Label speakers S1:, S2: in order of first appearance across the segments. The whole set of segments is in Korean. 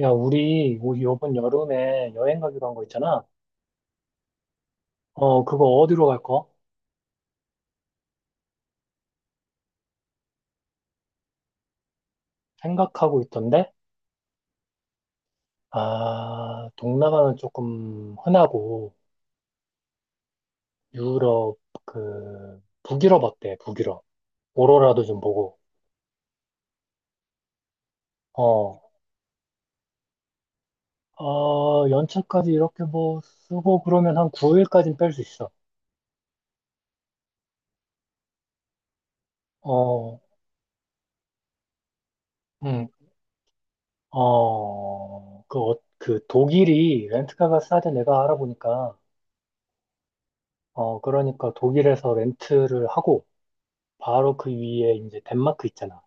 S1: 야, 우리 요번 여름에 여행 가기로 한 거 있잖아. 그거 어디로 갈 거? 생각하고 있던데? 아, 동남아는 조금 흔하고, 유럽, 북유럽 어때? 북유럽. 오로라도 좀 보고. 어, 연차까지 이렇게 뭐 쓰고 그러면 한 9일까지는 뺄 수 있어. 어, 응. 그 독일이 렌트카가 싸대 내가 알아보니까. 그러니까 독일에서 렌트를 하고, 바로 그 위에 이제 덴마크 있잖아.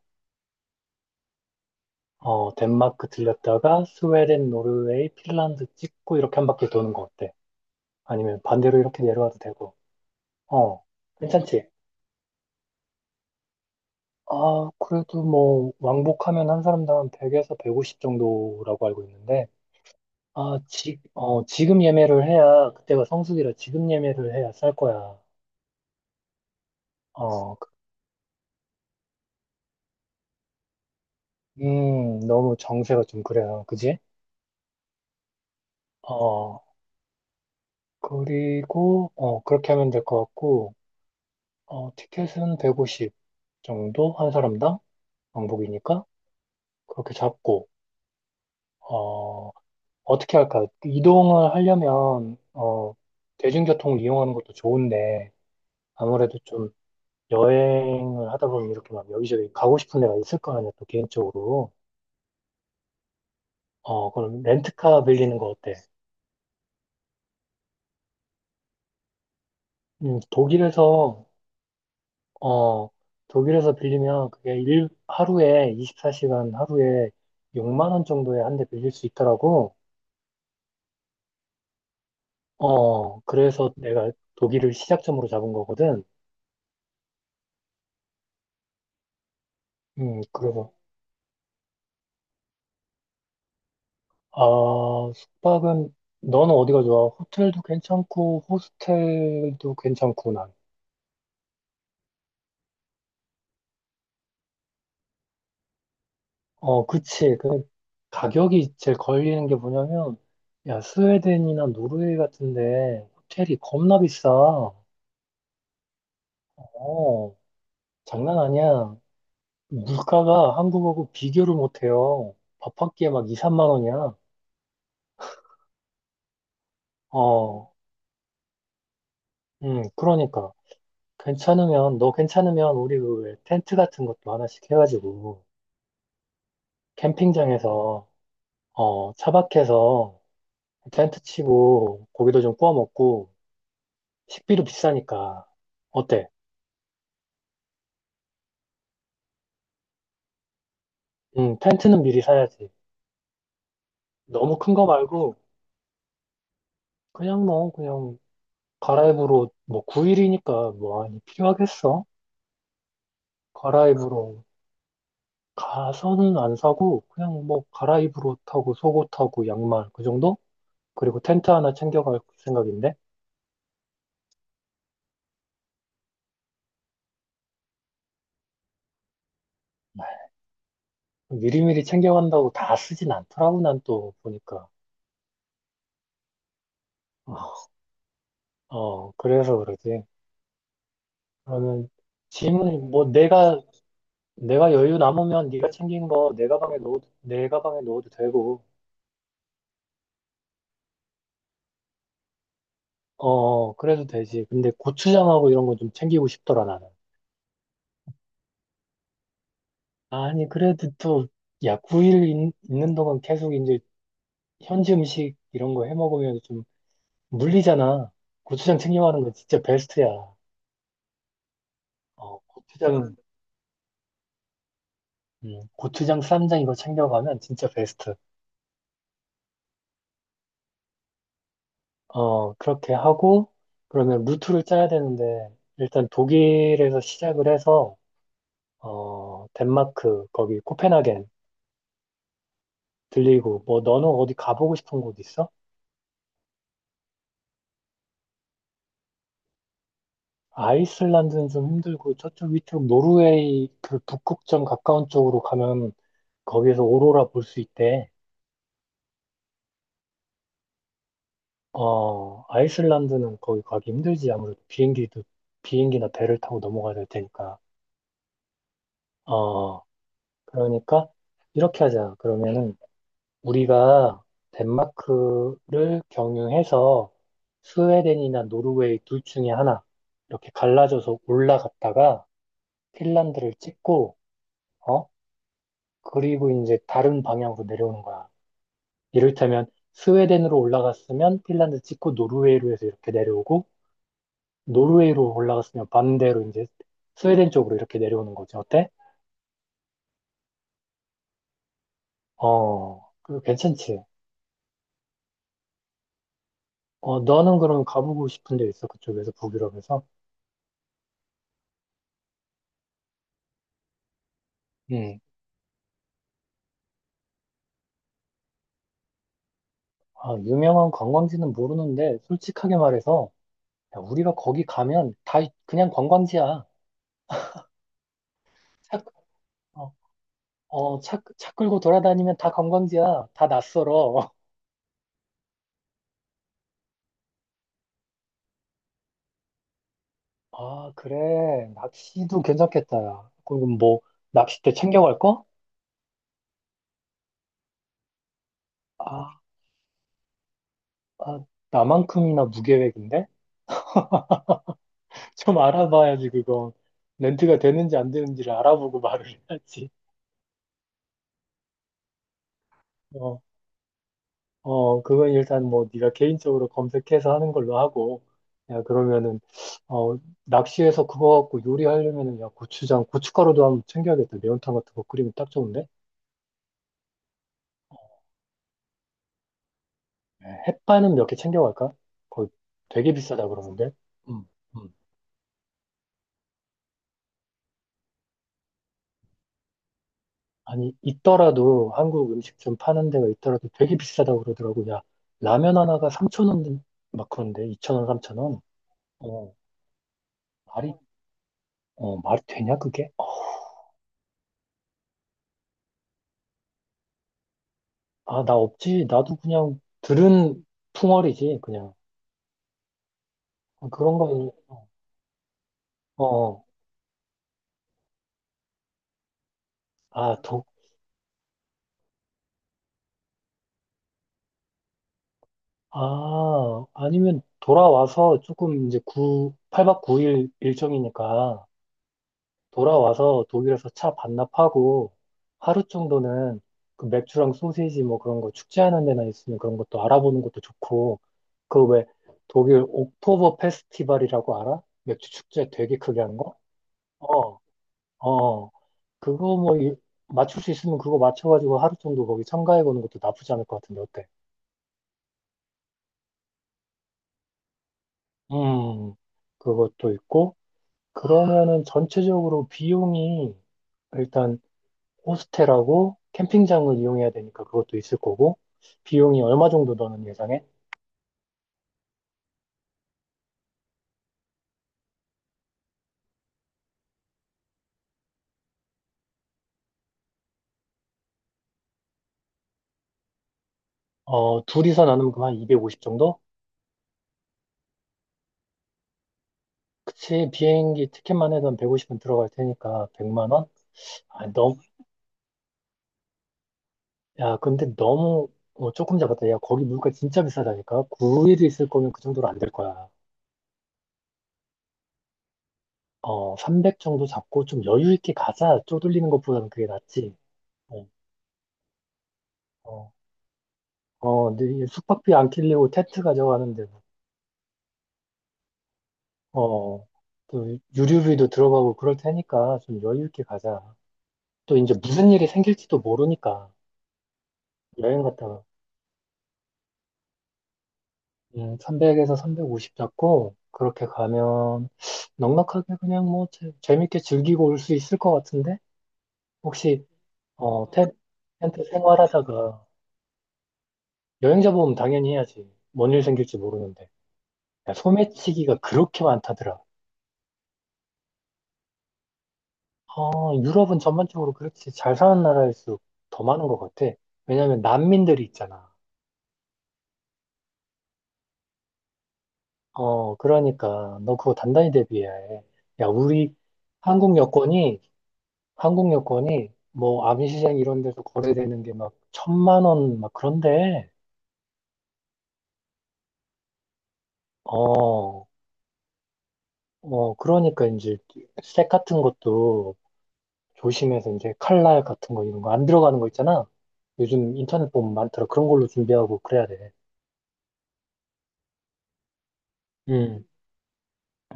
S1: 덴마크 들렸다가 스웨덴, 노르웨이, 핀란드 찍고 이렇게 한 바퀴 도는 거 어때? 아니면 반대로 이렇게 내려와도 되고. 어, 괜찮지? 아, 그래도 뭐 왕복하면 한 사람당 한 100에서 150 정도라고 알고 있는데. 지금 예매를 해야 그때가 성수기라 지금 예매를 해야 쌀 거야. 어, 그- 너무 정세가 좀 그래요. 그지? 어, 그리고 그렇게 하면 될 것 같고. 티켓은 150 정도 한 사람당 왕복이니까 그렇게 잡고. 어, 어떻게 할까? 이동을 하려면 대중교통을 이용하는 것도 좋은데 아무래도 좀 여행을 하다 보면 이렇게 막 여기저기 가고 싶은 데가 있을 거 아니야, 또 개인적으로. 그럼 렌트카 빌리는 거 어때? 독일에서. 어, 독일에서 빌리면 그게 일 하루에 24시간 하루에 6만 원 정도에 한 대 빌릴 수 있더라고. 그래서 내가 독일을 시작점으로 잡은 거거든. 음, 그래서, 아, 숙박은, 너는 어디가 좋아? 호텔도 괜찮고, 호스텔도 괜찮고, 난. 그치. 가격이 제일 걸리는 게 뭐냐면, 야, 스웨덴이나 노르웨이 같은데, 호텔이 겁나 비싸. 장난 아니야. 물가가 한국하고 비교를 못해요. 밥 한 끼에 막 2, 3만 원이야. 어, 그러니까. 괜찮으면, 너 괜찮으면 우리 그왜 텐트 같은 것도 하나씩 해가지고 캠핑장에서 차박해서 텐트 치고 고기도 좀 구워 먹고 식비도 비싸니까 어때? 응, 텐트는 미리 사야지. 너무 큰 거 말고 그냥 뭐 그냥 갈아입으로 뭐 9일이니까 뭐 많이 필요하겠어? 갈아입으로 가서는 안 사고 그냥 뭐 갈아입으로 타고 속옷 타고 양말 그 정도? 그리고 텐트 하나 챙겨갈 생각인데. 미리미리 챙겨간다고 다 쓰진 않더라고, 난 또 보니까. 아, 그래서 그러지. 그러면 짐은 뭐 내가, 내가 여유 남으면 네가 챙긴 거 내 가방에 넣어도, 내 가방에 넣어도 되고. 그래도 되지. 근데 고추장하고 이런 거 좀 챙기고 싶더라, 나는. 아니, 그래도 또, 야, 9일 는 동안 계속 이제 현지 음식 이런 거 해 먹으면 좀 물리잖아. 고추장 챙겨가는 거 진짜 베스트야. 어, 고추장 은 고추장, 쌈장 이거 챙겨가면 진짜 베스트. 그렇게 하고, 그러면 루트를 짜야 되는데, 일단 독일에서 시작을 해서, 덴마크, 거기 코펜하겐 들리고, 뭐, 너는 어디 가보고 싶은 곳 있어? 아이슬란드는 좀 힘들고, 저쪽 위쪽 노르웨이 그 북극점 가까운 쪽으로 가면 거기에서 오로라 볼 수 있대. 아이슬란드는 거기 가기 힘들지, 아무래도 비행기도, 비행기나 배를 타고 넘어가야 될 테니까. 어, 그러니까 이렇게 하자. 그러면은 우리가 덴마크를 경유해서 스웨덴이나 노르웨이 둘 중에 하나 이렇게 갈라져서 올라갔다가 핀란드를 찍고 어? 그리고 이제 다른 방향으로 내려오는 거야. 이를테면 스웨덴으로 올라갔으면 핀란드 찍고 노르웨이로 해서 이렇게 내려오고, 노르웨이로 올라갔으면 반대로 이제 스웨덴 쪽으로 이렇게 내려오는 거지. 어때? 괜찮지? 너는 그럼 가보고 싶은 데 있어? 그쪽에서 북유럽에서? 응. 아, 유명한 관광지는 모르는데 솔직하게 말해서 야, 우리가 거기 가면 다 그냥 관광지야. 차, 어, 어, 차, 차 끌고 돌아다니면 다 관광지야. 다 낯설어. 아, 그래. 낚시도 괜찮겠다. 야. 그럼 뭐 낚싯대 챙겨갈 거? 아, 아, 나만큼이나 무계획인데? 좀 알아봐야지 그거. 렌트가 되는지 안 되는지를 알아보고 말을 해야지. 어, 그건 일단 뭐 네가 개인적으로 검색해서 하는 걸로 하고, 야, 그러면은, 어, 낚시해서 그거 갖고 요리하려면은, 야, 고추장, 고춧가루도 한번 챙겨야겠다. 매운탕 같은 거 끓이면 딱 좋은데? 예, 햇반은 몇 개 챙겨갈까? 거의 되게 비싸다 그러는데? 음, 음. 아니, 있더라도, 한국 음식 좀 파는 데가 있더라도 되게 비싸다 그러더라고. 야, 라면 하나가 3천원 막 그런데, 2천원3천원. 어, 말이, 말이 되냐, 그게? 나 없지. 나도 그냥 들은 풍월이지, 그냥. 아, 그런 건. 어, 어. 아, 도, 아, 아니면 돌아와서 조금 이제 구 8박 9일 일정이니까 돌아와서 독일에서 차 반납하고 하루 정도는 그 맥주랑 소세지 뭐 그런 거 축제하는 데나 있으면 그런 것도 알아보는 것도 좋고 그 왜 독일 옥토버 페스티벌이라고 알아? 맥주 축제 되게 크게 하는 거? 어, 어. 어. 그거 뭐 맞출 수 있으면 그거 맞춰가지고 하루 정도 거기 참가해보는 것도 나쁘지 않을 것 같은데 어때? 음, 그것도 있고 그러면은 전체적으로 비용이 일단 호스텔하고 캠핑장을 이용해야 되니까 그것도 있을 거고 비용이 얼마 정도 너는 예상해? 둘이서 나누면 그만 250 정도? 그치, 비행기 티켓만 해도 한 150은 들어갈 테니까 100만 원? 아, 너무, 야, 근데 너무 조금 잡았다. 야, 거기 물가 진짜 비싸다니까. 9일 있을 거면 그 정도로 안 될 거야. 300 정도 잡고 좀 여유 있게 가자. 쪼들리는 것보다는 그게 낫지. 어, 어, 근데 이게 숙박비 안 kil리고 텐트 가져가는데, 뭐. 어, 또 유류비도 들어가고 그럴 테니까 좀 여유 있게 가자. 또 이제 무슨 일이 생길지도 모르니까 여행 갔다가, 300에서 350 잡고 그렇게 가면 넉넉하게 그냥 뭐 재밌게 즐기고 올 수 있을 것 같은데? 혹시, 어, 텐, 텐트 생활하다가 여행자 보험 당연히 해야지. 뭔 일 생길지 모르는데. 야, 소매치기가 그렇게 많다더라. 아, 유럽은 전반적으로 그렇지. 잘 사는 나라일수록 더 많은 것 같아. 왜냐면 난민들이 있잖아. 그러니까 너 그거 단단히 대비해야 해. 야, 우리 한국 여권이, 한국 여권이 뭐 암시장 이런 데서 거래되는 게 막 1,000만 원 막 그런데, 어, 그러니까 이제 색 같은 것도 조심해서 이제 칼날 같은 거 이런 거 안 들어가는 거 있잖아. 요즘 인터넷 보면 많더라. 그런 걸로 준비하고 그래야 돼. 음,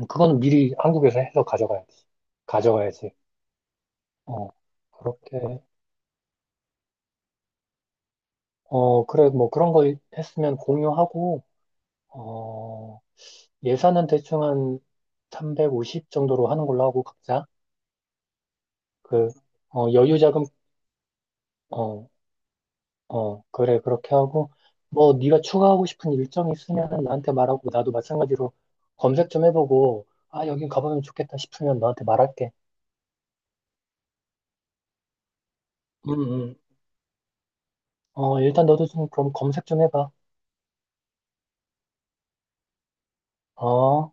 S1: 그건 미리 한국에서 해서 가져가야지. 가져가야지. 어, 그렇게. 그래, 뭐 그런 거 했으면 공유하고, 어, 예산은 대충 한 350 정도로 하는 걸로 하고, 각자. 그, 여유 자금. 어, 그래, 그렇게 하고, 뭐 네가 추가하고 싶은 일정이 있으면 나한테 말하고, 나도 마찬가지로 검색 좀 해보고, 아, 여긴 가보면 좋겠다 싶으면 너한테 말할게. 음, 음. 일단 너도 좀 그럼 검색 좀 해봐. 어.